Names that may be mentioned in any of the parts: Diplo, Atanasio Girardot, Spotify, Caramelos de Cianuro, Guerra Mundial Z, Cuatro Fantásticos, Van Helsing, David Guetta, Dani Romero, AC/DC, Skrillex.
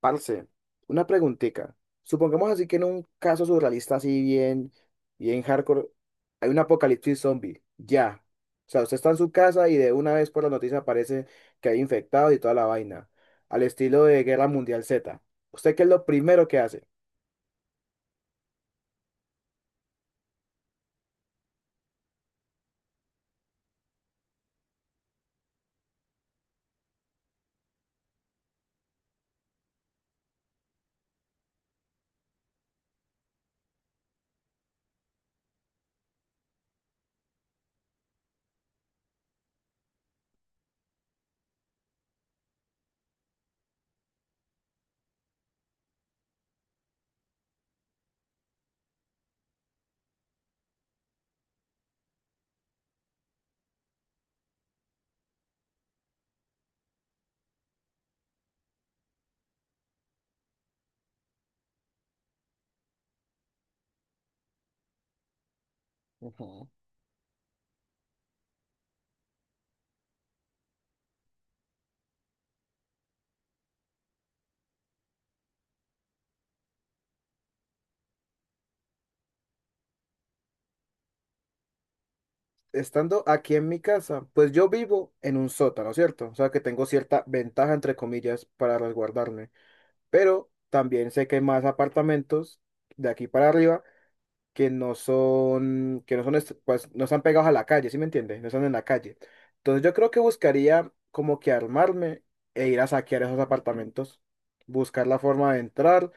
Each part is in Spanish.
Parce, una preguntica. Supongamos así que en un caso surrealista así bien, bien hardcore, hay un apocalipsis zombie. Ya. O sea, usted está en su casa y de una vez por la noticia aparece que hay infectados y toda la vaina. Al estilo de Guerra Mundial Z. ¿Usted qué es lo primero que hace? Ujú. Estando aquí en mi casa, pues yo vivo en un sótano, ¿cierto? O sea que tengo cierta ventaja, entre comillas, para resguardarme. Pero también sé que hay más apartamentos de aquí para arriba que no están pegados a la calle, ¿sí me entiendes? No están en la calle. Entonces yo creo que buscaría como que armarme e ir a saquear esos apartamentos, buscar la forma de entrar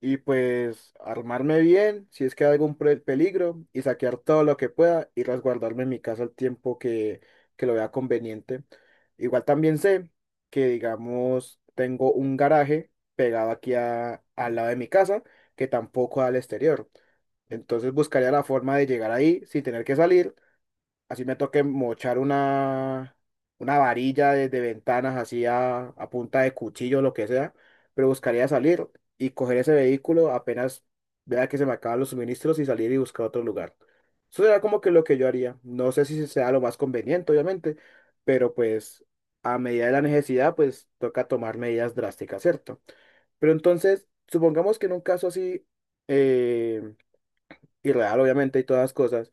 y pues armarme bien si es que hay algún peligro y saquear todo lo que pueda y resguardarme en mi casa el tiempo que lo vea conveniente. Igual también sé que, digamos, tengo un garaje pegado aquí al lado de mi casa que tampoco da al exterior. Entonces buscaría la forma de llegar ahí sin tener que salir. Así me toque mochar una varilla de ventanas así a punta de cuchillo, lo que sea. Pero buscaría salir y coger ese vehículo apenas vea que se me acaban los suministros y salir y buscar otro lugar. Eso será como que lo que yo haría. No sé si sea lo más conveniente, obviamente, pero pues a medida de la necesidad, pues toca tomar medidas drásticas, ¿cierto? Pero entonces, supongamos que en un caso así, eh, y real, obviamente, y todas las cosas,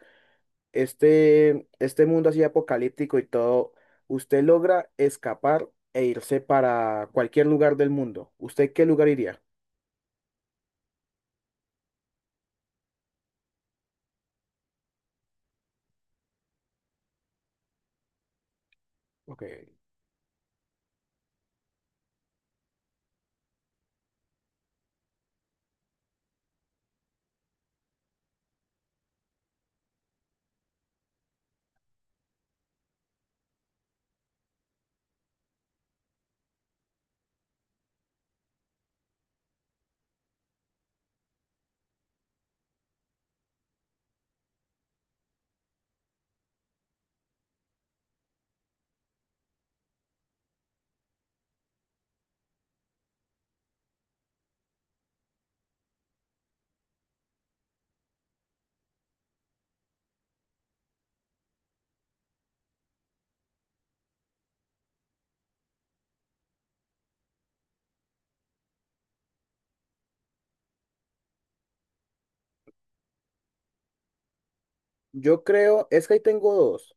este mundo así apocalíptico y todo, usted logra escapar e irse para cualquier lugar del mundo. ¿Usted qué lugar iría? Ok. Yo creo, es que ahí tengo dos.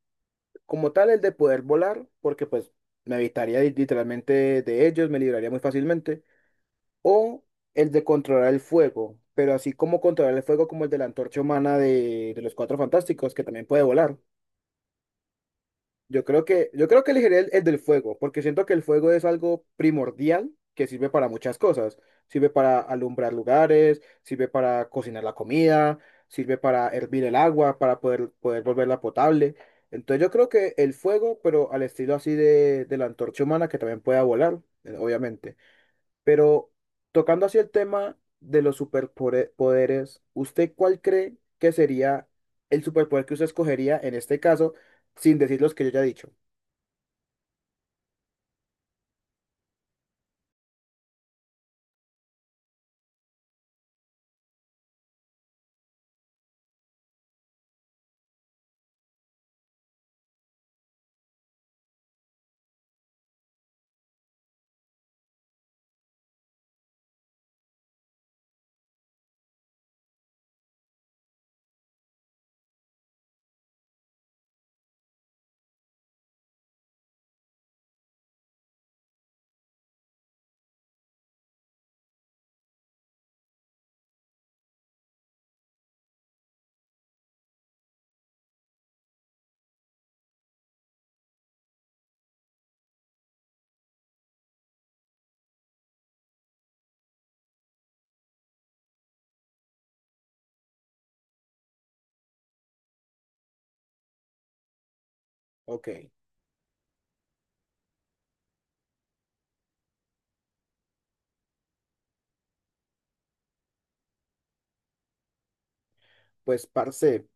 Como tal, el de poder volar, porque pues me evitaría literalmente de ellos, me libraría muy fácilmente. O el de controlar el fuego, pero así como controlar el fuego como el de la antorcha humana de los Cuatro Fantásticos, que también puede volar. Yo creo que elegiría el del fuego, porque siento que el fuego es algo primordial que sirve para muchas cosas. Sirve para alumbrar lugares, sirve para cocinar la comida, sirve para hervir el agua, para poder volverla potable. Entonces yo creo que el fuego, pero al estilo así de la antorcha humana, que también pueda volar, obviamente. Pero tocando así el tema de los superpoderes, ¿usted cuál cree que sería el superpoder que usted escogería en este caso, sin decir los que yo ya he dicho? Ok, pues parce,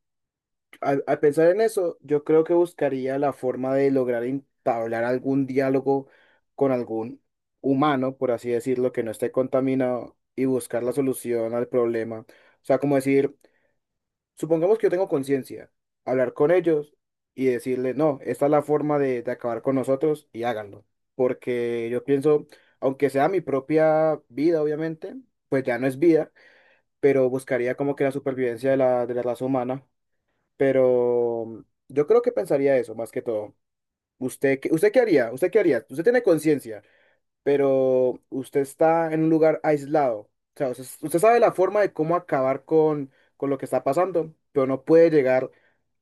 al pensar en eso, yo creo que buscaría la forma de lograr entablar algún diálogo con algún humano, por así decirlo, que no esté contaminado y buscar la solución al problema. O sea, como decir, supongamos que yo tengo conciencia, hablar con ellos y decirle, no, esta es la forma de acabar con nosotros y háganlo. Porque yo pienso, aunque sea mi propia vida, obviamente, pues ya no es vida, pero buscaría como que la supervivencia de de la raza humana. Pero yo creo que pensaría eso más que todo. ¿Usted qué haría? ¿Usted qué haría? Usted tiene conciencia, pero usted está en un lugar aislado. O sea, usted sabe la forma de cómo acabar con lo que está pasando, pero no puede llegar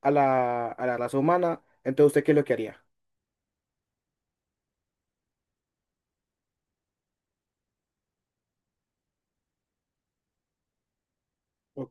a a la raza humana. Entonces, ¿usted qué es lo que haría? O-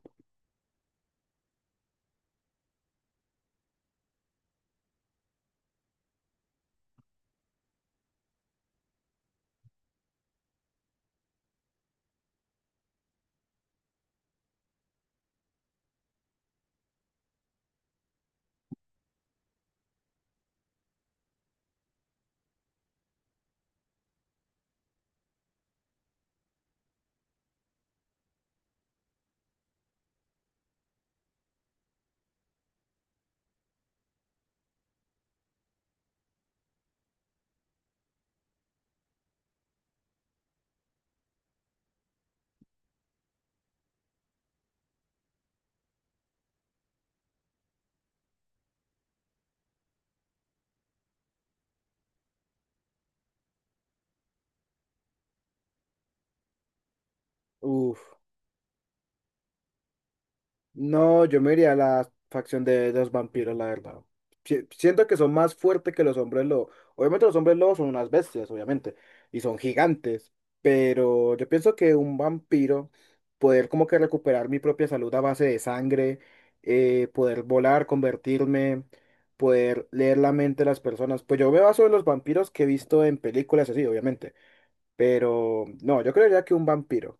Uf. No, yo me iría a la facción de los vampiros, la verdad. Siento que son más fuertes que los hombres lobo. Obviamente los hombres lobos son unas bestias, obviamente, y son gigantes, pero yo pienso que un vampiro, poder como que recuperar mi propia salud a base de sangre, poder volar, convertirme, poder leer la mente de las personas, pues yo me baso en los vampiros que he visto en películas así, obviamente, pero no, yo creería que un vampiro.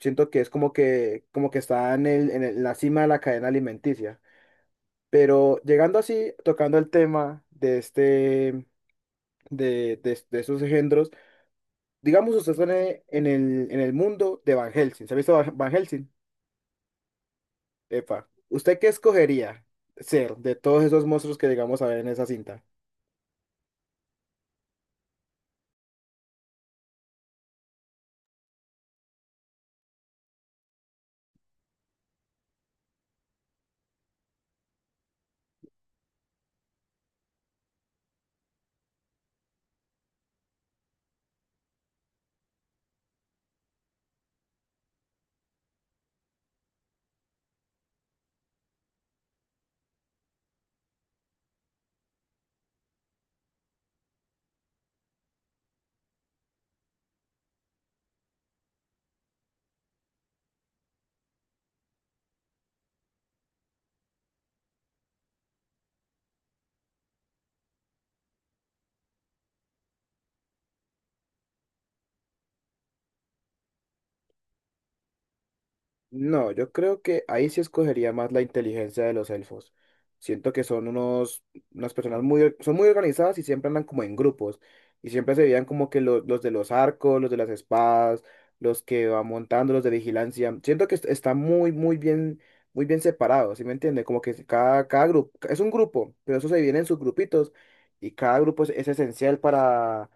Siento que es como que está en en la cima de la cadena alimenticia. Pero llegando así, tocando el tema de este, de esos engendros, digamos usted está en en el mundo de Van Helsing. ¿Se ha visto Van Helsing? Epa. ¿Usted qué escogería ser de todos esos monstruos que llegamos a ver en esa cinta? No, yo creo que ahí sí escogería más la inteligencia de los elfos. Siento que son unos, unas personas muy, son muy organizadas y siempre andan como en grupos. Y siempre se veían como que los de los arcos, los de las espadas, los que van montando, los de vigilancia. Siento que está muy, muy bien separado, ¿sí me entiende? Como que cada grupo, es un grupo, pero eso se divide en sus grupitos y cada grupo es esencial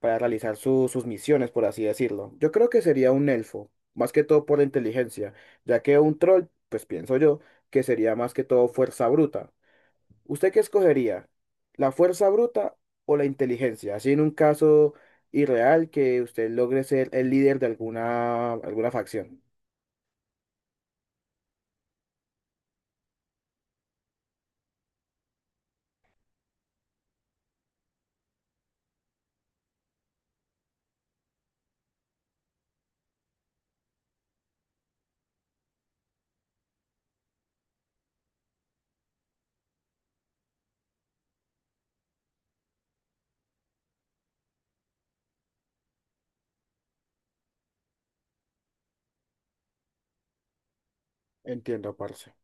para realizar sus misiones, por así decirlo. Yo creo que sería un elfo, más que todo por la inteligencia ya que un troll, pues pienso yo, que sería más que todo fuerza bruta. ¿Usted qué escogería? ¿La fuerza bruta o la inteligencia? Así en un caso irreal que usted logre ser el líder de alguna, alguna facción. Entiendo, parce.